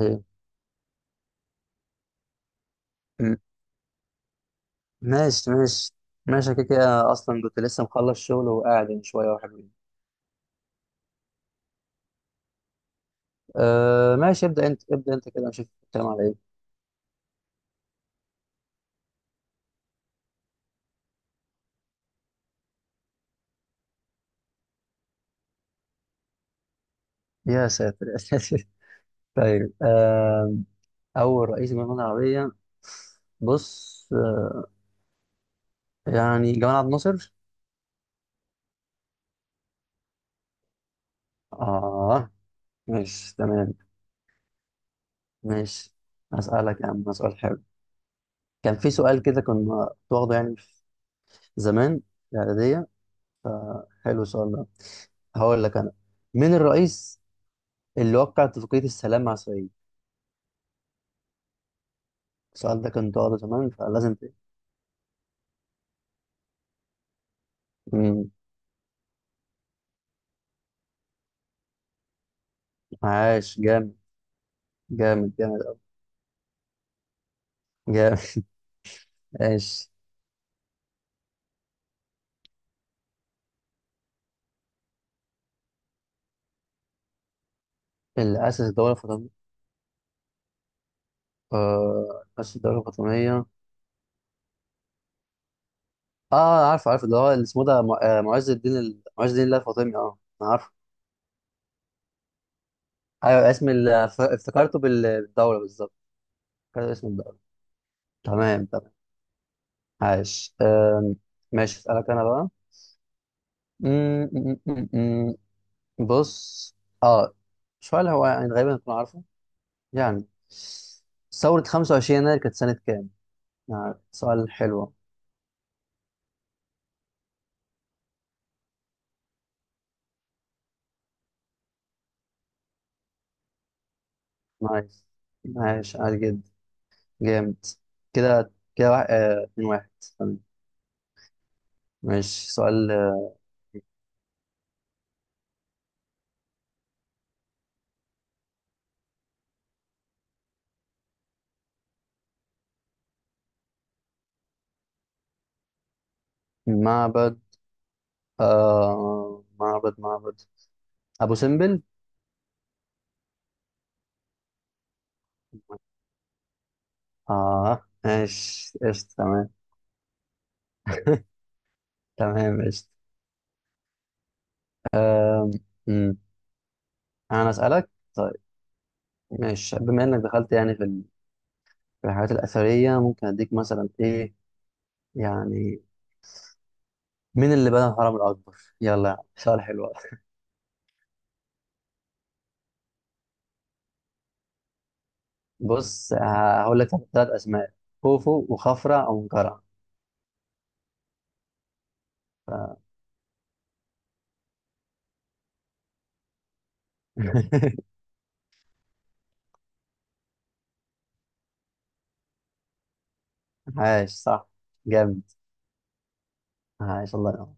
إيه. م- ماشي ماشي. ماشي، أنا كده كده اصلا كنت لسه مخلص شغل وقاعد من شويه وحبيبي. ماشي، ابدا انت ابدا انت كده نشوف الكلام على ايه. يا ساتر يا ساتر. طيب، اول رئيس جمهورية العربيه؟ بص، يعني جمال عبد الناصر. اه ماشي تمام. ماشي هسألك يا عم سؤال حلو. كان في سؤال كده كنا واخده يعني زمان، في الاعداديه. فحلو السؤال ده، هقول لك انا: مين الرئيس اللي وقع اتفاقية السلام مع إسرائيل؟ السؤال ده كان قاعدة زمان فلازم. مم. عاش جامد، جامد جامد جامد. عاش. اللي أسس الدولة الفاطمية؟ أسس الدولة الفاطمية، عارف عارف، اللي هو اللي اسمه ده معز الدين معز الدين الله الفاطمي، أنا عارف. أيوة اسم افتكرته بالدولة بالظبط. افتكرت اسم الدولة. تمام تمام، عاش. ماشي أسألك أنا بقى. مم، مم، مم، مم. بص، آه سؤال هو يعني غالبا هتكون عارفه، يعني ثورة 25 يناير كانت سنة كام؟ يعني سؤال حلو. نايس، ماشي عادي جدا، جامد. كده كده واحد، اتنين واحد. تمام. ماشي سؤال، معبد، معبد أبو سمبل. اه ماشي قشطة تمام. تمام قشطة. أمم. أنا أسألك طيب. ماشي بما إنك دخلت يعني في في الحاجات الأثرية، ممكن أديك مثلا إيه يعني، مين اللي بنى الهرم الأكبر؟ يلا يا عم، سؤال حلو أوي. بص، هقول لك ثلاث أسماء: خوفو وخفرع ومنقرع. عاش صح، جامد. عاش الله ينور.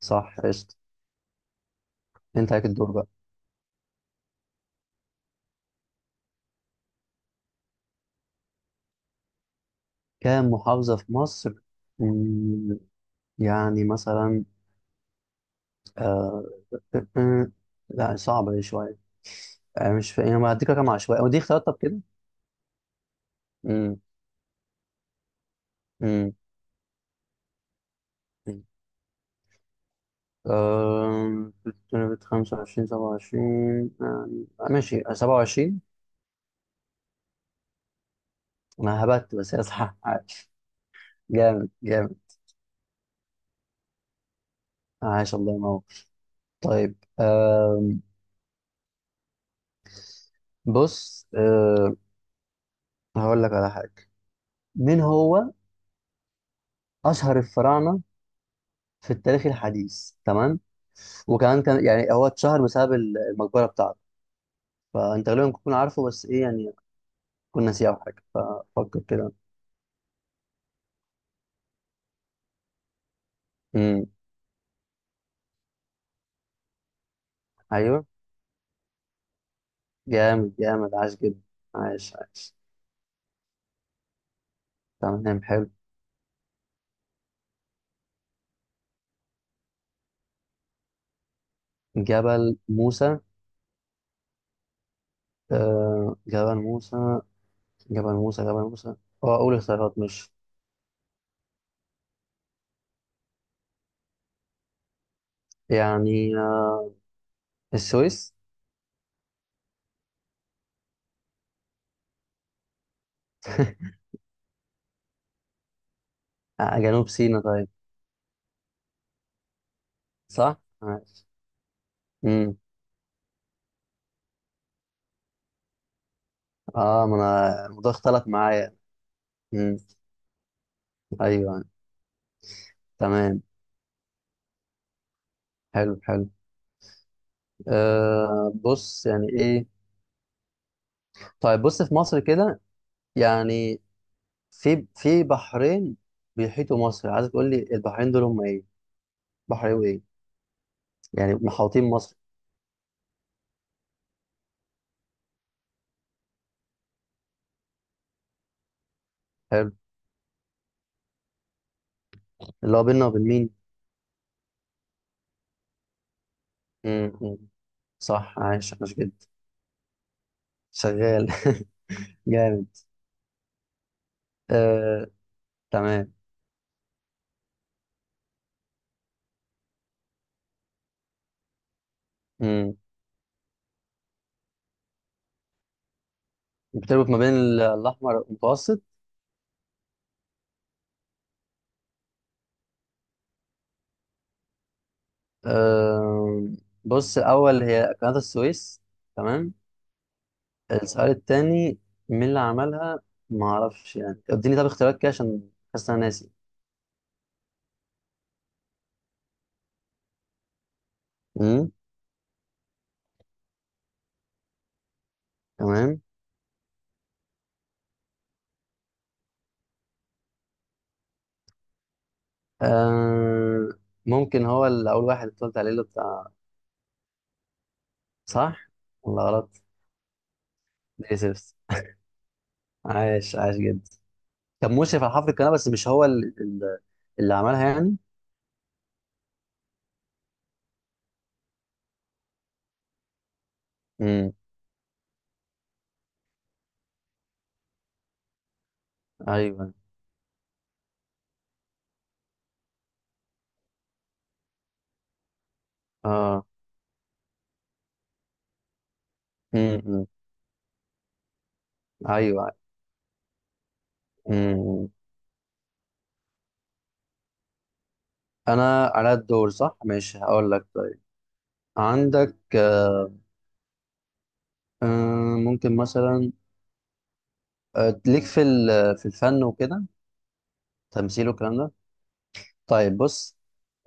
صح قشطة. أنت عليك الدور بقى. كام محافظة في مصر؟ مم، يعني مثلا، آه... آه، آه، لا صعبة دي شوية. مش فا... يعني ما هديك رقم عشوائي، ودي اختيارات طب كده؟ مم، مم، مم. آه... 25، 27. ماشي 27. انا هبت، بس هي صح، عاش. جامد جامد. عاش الله ينور. طيب. أم بص، هقول لك على حاجه: مين هو اشهر الفراعنه في التاريخ الحديث؟ تمام، وكمان كان يعني هو اتشهر بسبب المقبره بتاعته، فانت غالبا كنت تكون عارفه، بس ايه يعني، كنا ناسيه او حاجه، ففكر كده. امم ايوه، جامد جامد عاش جدا. عاش عاش. تمام حلو. جبل موسى؟ جبل موسى. جبل موسى، جبل موسى. اه، أول اختيارات مش، يعني، السويس. جنوب سيناء طيب. صح؟ ماشي. امم اه، ما انا الموضوع اختلف معايا. امم ايوه تمام. حلو حلو. بص يعني ايه. طيب بص، في مصر كده، يعني في بحرين بيحيطوا مصر، عايز تقول لي البحرين دول هم ايه؟ بحر ايه وايه؟ يعني محاوطين مصر. حلو. اللي هو بيننا وبين مين؟ أمم. صح، عايش عايش جدا، شغال. جامد، آه، تمام. مم. بتربط ما بين الأحمر والمتوسط. آه، بص، الأول هي قناة السويس. تمام. السؤال التاني: مين اللي عملها؟ ما أعرفش يعني، اديني طب اختيارات كده عشان حاسس إن أنا ناسي. مم. تمام. آه، ممكن هو اللي أول واحد اللي قلت عليه، اللي بتاع. صح ولا غلط؟ ديسيبس. عاش عاش جدا. كان مشرف على حفر القناة، بس مش هو اللي عملها يعني. مم. أيوه. اه. مم. ايوه. امم انا على الدور صح. ماشي هقول لك طيب: عندك، ممكن مثلا، ليك في في الفن وكده، تمثيل والكلام ده؟ طيب بص،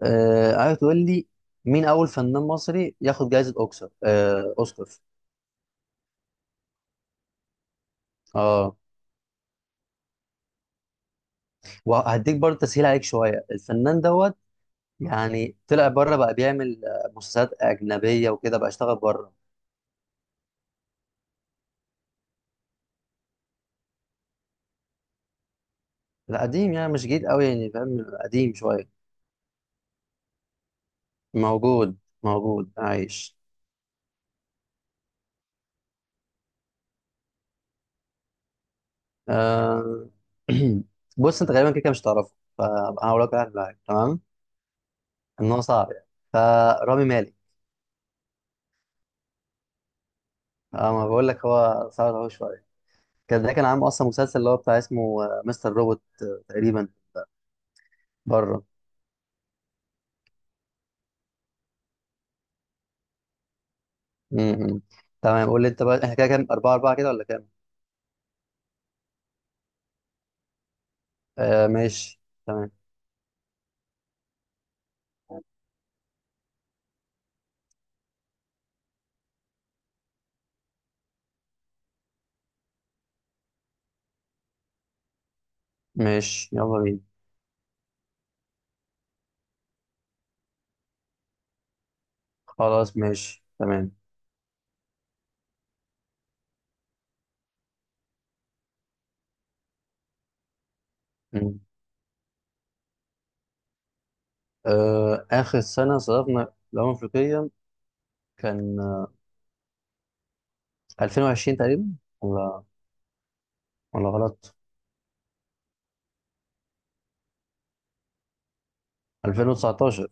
عايز تقول لي: مين اول فنان مصري ياخد جائزة اوكسر آه، اوسكار؟ اه، وهديك برضه تسهيل عليك شوية: الفنان دوت، يعني طلع بره بقى بيعمل مسلسلات أجنبية وكده، بقى اشتغل بره. لا قديم، يعني مش جديد قوي يعني، فاهم، قديم شوية. موجود، موجود عايش. آه... بص انت غالبا كده كده مش تعرفه، فهقول لك واحد معاك تمام، ان هو صعب يعني: فرامي مالك. اه، ما بقول لك هو صعب اهو شويه. كان ده كان عامل اصلا مسلسل اللي هو بتاع اسمه مستر روبوت، تقريبا، بره. م-م. تمام، قول لي انت بقى، احنا كده كام؟ اربعه اربعه كده ولا كام؟ ماشي تمام. ماشي، يلا بينا. خلاص ماشي تمام. م. اخر سنه صرفنا في الامم الافريقيه كان 2020 تقريبا، ولا، ولا غلط؟ 2019.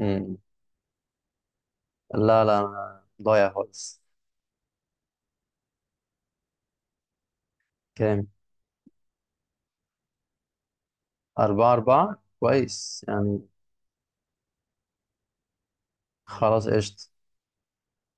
امم لا لا، أنا ضايع خالص. كام؟ 4-4، كويس يعني. خلاص قشطة.